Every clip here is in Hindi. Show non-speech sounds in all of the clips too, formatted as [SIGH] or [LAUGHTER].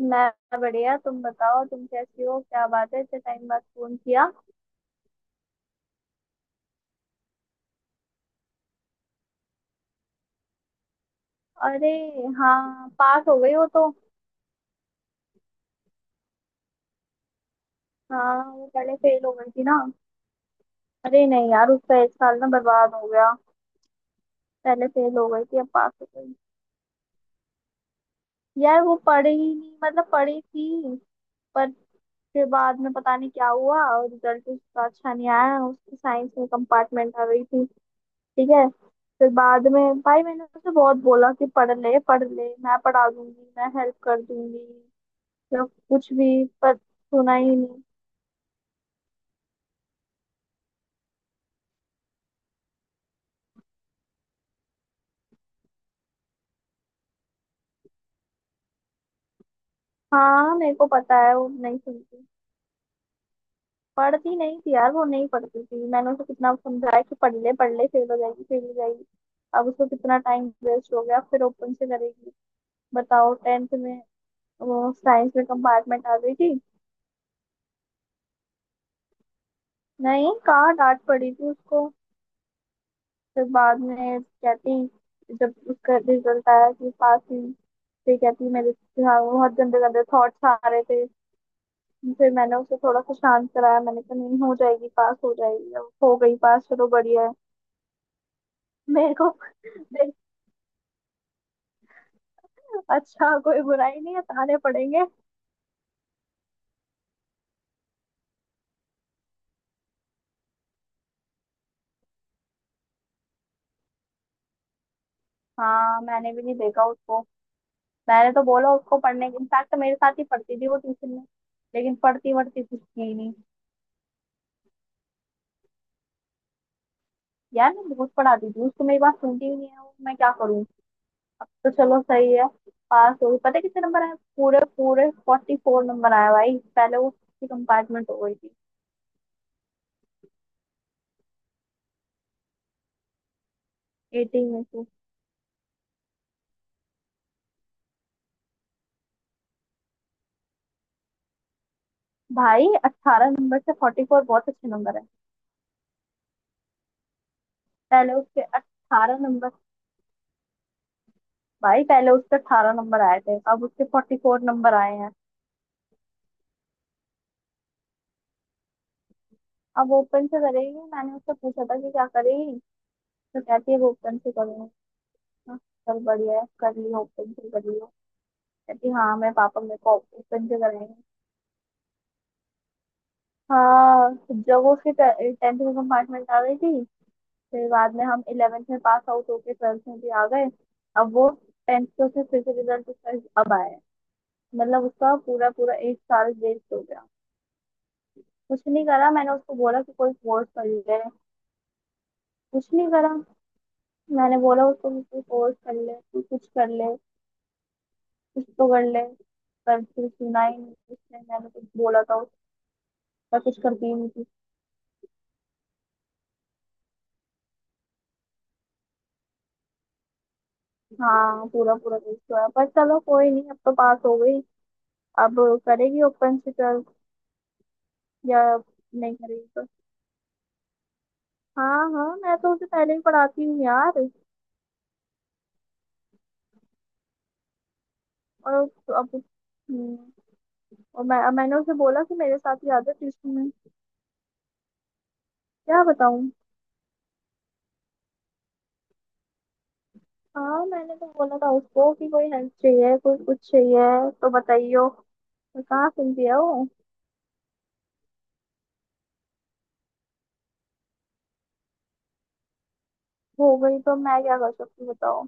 मैं बढ़िया। तुम बताओ, तुम कैसी हो? क्या बात है इतने टाइम बाद फोन किया? अरे, हाँ, पास हो गई हो तो? हाँ, वो पहले फेल हो गई थी ना। अरे नहीं यार, उसका एक साल ना बर्बाद हो गया। पहले फेल हो गई थी, अब पास हो गई। यार वो पढ़ी ही नहीं, मतलब पढ़ी थी पर फिर बाद में पता नहीं क्या हुआ और रिजल्ट उसका अच्छा नहीं आया, उसकी साइंस में कंपार्टमेंट आ गई थी। ठीक है। फिर बाद में भाई मैंने उसे बहुत बोला कि पढ़ ले पढ़ ले, मैं पढ़ा दूंगी, मैं हेल्प कर दूंगी या कुछ भी, पर सुना ही नहीं। हाँ, मेरे को पता है वो नहीं सुनती। पढ़ती नहीं थी यार, वो नहीं पढ़ती थी। मैंने उसे कितना समझाया कि पढ़ ले पढ़ ले, फेल हो जाएगी फेल हो जाएगी। अब उसको कितना टाइम वेस्ट हो गया, फिर ओपन से करेगी। बताओ, 10th में वो साइंस में कंपार्टमेंट आ गई थी। नहीं, कहाँ, डांट पड़ी थी उसको। फिर बाद में कहती, जब उसका रिजल्ट आया कि पास हुई, फिर कहती मेरे दिमाग में बहुत गंदे गंदे थॉट्स आ रहे थे। फिर मैंने उसे थोड़ा सा शांत कराया, मैंने कहा नहीं, हो जाएगी, पास हो जाएगी। अब हो गई पास, चलो बढ़िया है। मेरे को [LAUGHS] देख। अच्छा, कोई बुराई नहीं है, ताने पड़ेंगे। हाँ मैंने भी नहीं देखा उसको। मैंने तो बोला उसको पढ़ने के, इनफैक्ट मेरे साथ ही पढ़ती थी वो ट्यूशन में। लेकिन पढ़ती वढ़ती कुछ थी ही नहीं। यार मैं बहुत पढ़ाती थी उसको, मेरी बात सुनती ही नहीं है वो, मैं क्या करूँ? तो चलो सही है, पास हो गई। पता है कितने नंबर आए? पूरे पूरे 44 नंबर आया भाई, पहले वो किसी कंपार्टमेंट हो गई थी। 18 में से। भाई 18 नंबर से 44, बहुत अच्छे नंबर है। पहले उसके 18 नंबर। भाई पहले उसके 18 नंबर आए थे, अब उसके 44 नंबर आए हैं। अब ओपन से करेगी, मैंने उससे पूछा था कि क्या करेगी, तो कहती है वो ओपन से करूंगी। हाँ, चल बढ़िया है, कर लियो, ओपन से कर लियो। कहती हाँ, मैं पापा मेरे को ओपन से कराएंगे। हाँ जब वो उसके 10th में कंपार्टमेंट आ गई थी, फिर बाद में हम 11th में पास आउट होके 12th में भी आ गए, अब वो टेंथ के उसके फिर से रिजल्ट अब आए। मतलब उसका पूरा पूरा एक साल वेस्ट हो गया। कुछ नहीं करा, मैंने उसको बोला कि कोई कोर्स कर ले। कुछ नहीं करा। मैंने बोला उसको कि कोई कोर्स कर ले, तू कुछ कर ले, कुछ तो कर ले। पर फिर सुना ही नहीं उसने, मैंने कुछ बोला था, उसका कुछ करती ही नहीं थी। हाँ पूरा पूरा वेस्ट हुआ, पर चलो कोई नहीं, अब तो पास हो गई। अब करेगी ओपन से कर। या नहीं करेगी तो? हाँ हाँ, मैं तो उसे पहले ही पढ़ाती हूँ यार। और अब और मैंने उसे बोला कि मेरे साथ ही आ जा ट्यूशन में। क्या बताऊं? हाँ मैंने तो बोला था उसको कि कोई हेल्प चाहिए, कोई कुछ चाहिए तो बताइयो। मैं कहाँ सुनती है वो। हो गई तो मैं क्या कर सकती हूँ बताओ?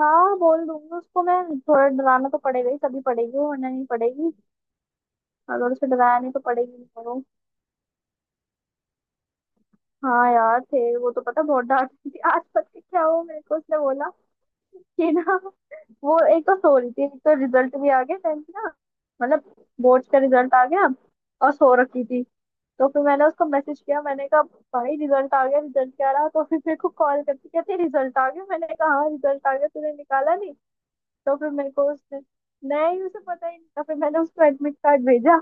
हाँ बोल दूंगी उसको, मैं थोड़ा डराना तो पड़ेगा ही, तभी पड़ेगी वो, वरना नहीं पड़ेगी। अगर उसे डराया नहीं तो पड़ेगी नहीं वो। हाँ यार, थे वो तो पता, बहुत डांटती थी। आज पता है क्या हुआ? मेरे को उसने बोला, ये ना, वो एक तो सो रही थी, एक तो रिजल्ट भी आ गया 10th का, मतलब बोर्ड का रिजल्ट आ गया, और सो रखी थी। तो फिर मैंने उसको मैसेज किया, मैंने कहा भाई रिजल्ट आ गया, रिजल्ट क्या रहा? तो फिर मेरे को कॉल करती, कहती रिजल्ट आ गया, मैंने कहा हाँ रिजल्ट आ गया, तूने निकाला नहीं? तो फिर मेरे को उसने, नहीं, उसे पता ही नहीं था। फिर मैंने उसको एडमिट कार्ड भेजा।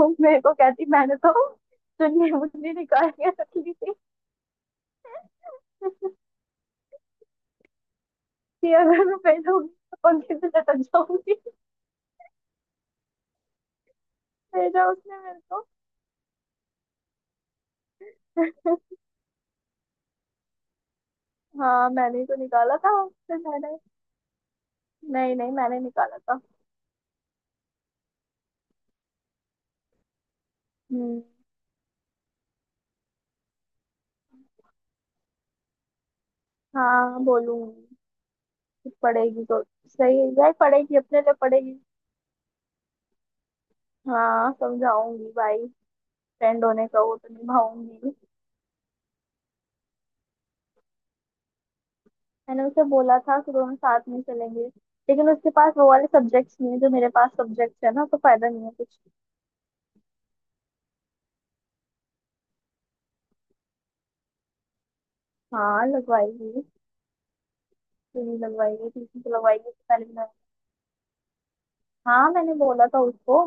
वो मेरे को कहती, मैंने तो चुन्नी मुन्नी निकाल के रख ली थी [LAUGHS] कि अगर मैं फेल होगी तो पंखे से लटक जाऊंगी। भेजा उसने मेरे को। हाँ मैंने ही तो निकाला था फिर मैंने, नहीं नहीं, मैंने निकाला था। हम्म। हाँ बोलूंगी। पड़ेगी तो, सही है यार, पड़ेगी, अपने लिए पड़ेगी। हाँ समझाऊंगी भाई, फ्रेंड होने का वो तो निभाऊंगी। मैंने उसे बोला था कि दोनों साथ में चलेंगे, लेकिन उसके पास वो वाले सब्जेक्ट्स नहीं है जो मेरे पास सब्जेक्ट्स है ना, तो फायदा नहीं है कुछ। हाँ लगवाएगी। क्यों नहीं लगवाएगी? ट्यूशन तो लगवाएगी, उससे पहले भी हाँ, मैंने बोला था उसको।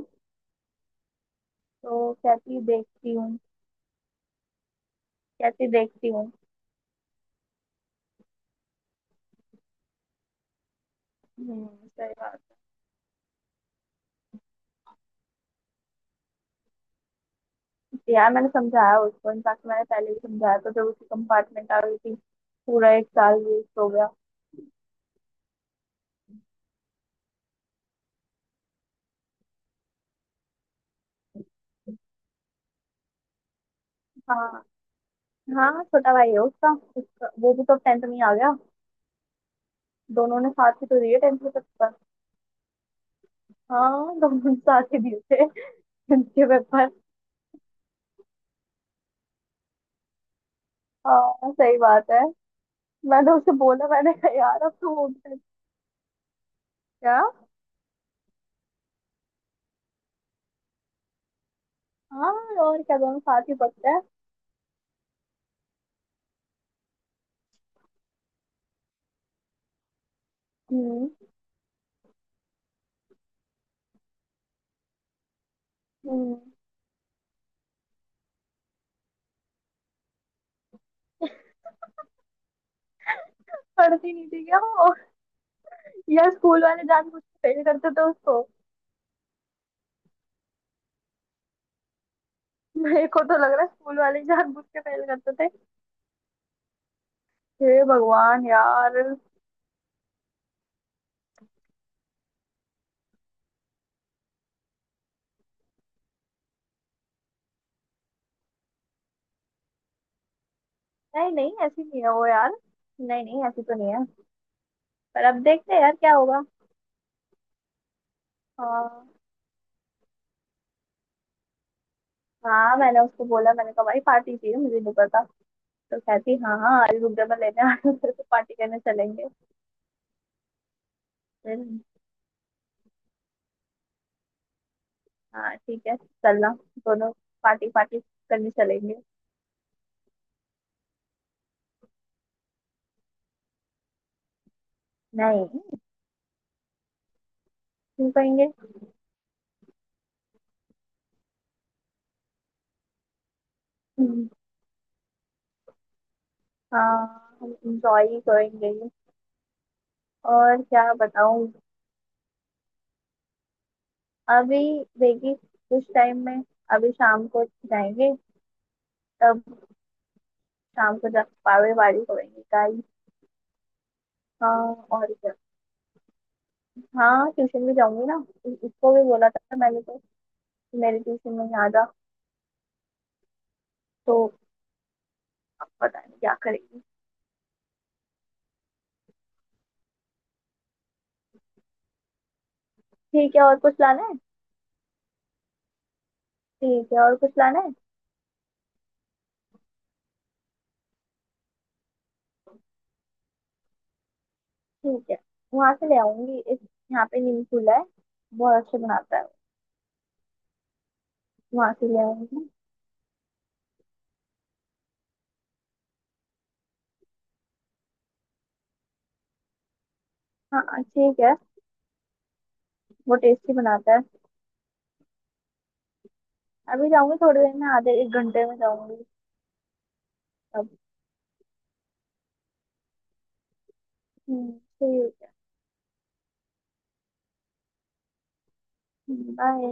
तो कहती देखती हूँ। कहती देखती हूँ। सही बात है। यार मैंने समझाया उसको, इनफैक्ट मैंने पहले भी समझाया, तो जब उसकी कंपार्टमेंट आ गई थी पूरा एक साल वेस्ट हो गया। हाँ। हाँ छोटा भाई है उसका, उसका वो भी तो 10th में ही आ गया। दोनों ने साथ ही तो दिए 10th के पेपर। हाँ दोनों ने साथ ही दिए थे 10th के पेपर। हाँ सही बात है। मैंने उसे बोला, मैंने कहा यार अब तो वो भी, क्या। हाँ, और क्या, दोनों साथ ही पढ़ते हैं। हम्म। हम्म। पढ़ती नहीं थी क्या वो? यार स्कूल वाले जानबूझ के फेल करते थे उसको। मेरे को तो लग रहा है स्कूल वाले ही जानबूझ के फेल करते थे। हे भगवान यार। नहीं नहीं, ऐसी नहीं है वो यार। नहीं नहीं, ऐसी तो नहीं है। पर अब देखते हैं यार क्या होगा। हाँ। हाँ मैंने उसको बोला, मैंने कहा भाई पार्टी चाहिए, मुझे नहीं पता। तो कहती हाँ हाँ, आज रुक जा, मैं लेने आ रही हूँ तेरे को, पार्टी करने चलेंगे। फिर। हाँ ठीक है, चलना दोनों, पार्टी पार्टी करने चलेंगे। नहीं, क्यों कहेंगे? हम्म, हाँ हम इंजॉय करेंगे। और क्या बताऊं। अभी देखिए, कुछ टाइम में, अभी शाम को जाएंगे तब। शाम को जा पावे वाड़ी होएंगे गाइस। हाँ, और क्या। हाँ ट्यूशन भी जाऊंगी ना, इसको भी बोला था मैंने तो कि मेरे ट्यूशन में यहाँ जा। तो अब पता नहीं क्या करेगी। ठीक है, और कुछ लाना है? ठीक है, और कुछ लाना है? ठीक है, वहां से ले आऊंगी इस यहाँ पे नीम चूल्हा है, बहुत अच्छा बनाता है। वहां से ले आऊंगी। हाँ ठीक है। वो टेस्टी बनाता है। अभी जाऊंगी, थोड़ी देर में, आधे एक घंटे में जाऊंगी तब। हम्म, ठीक है। बाय।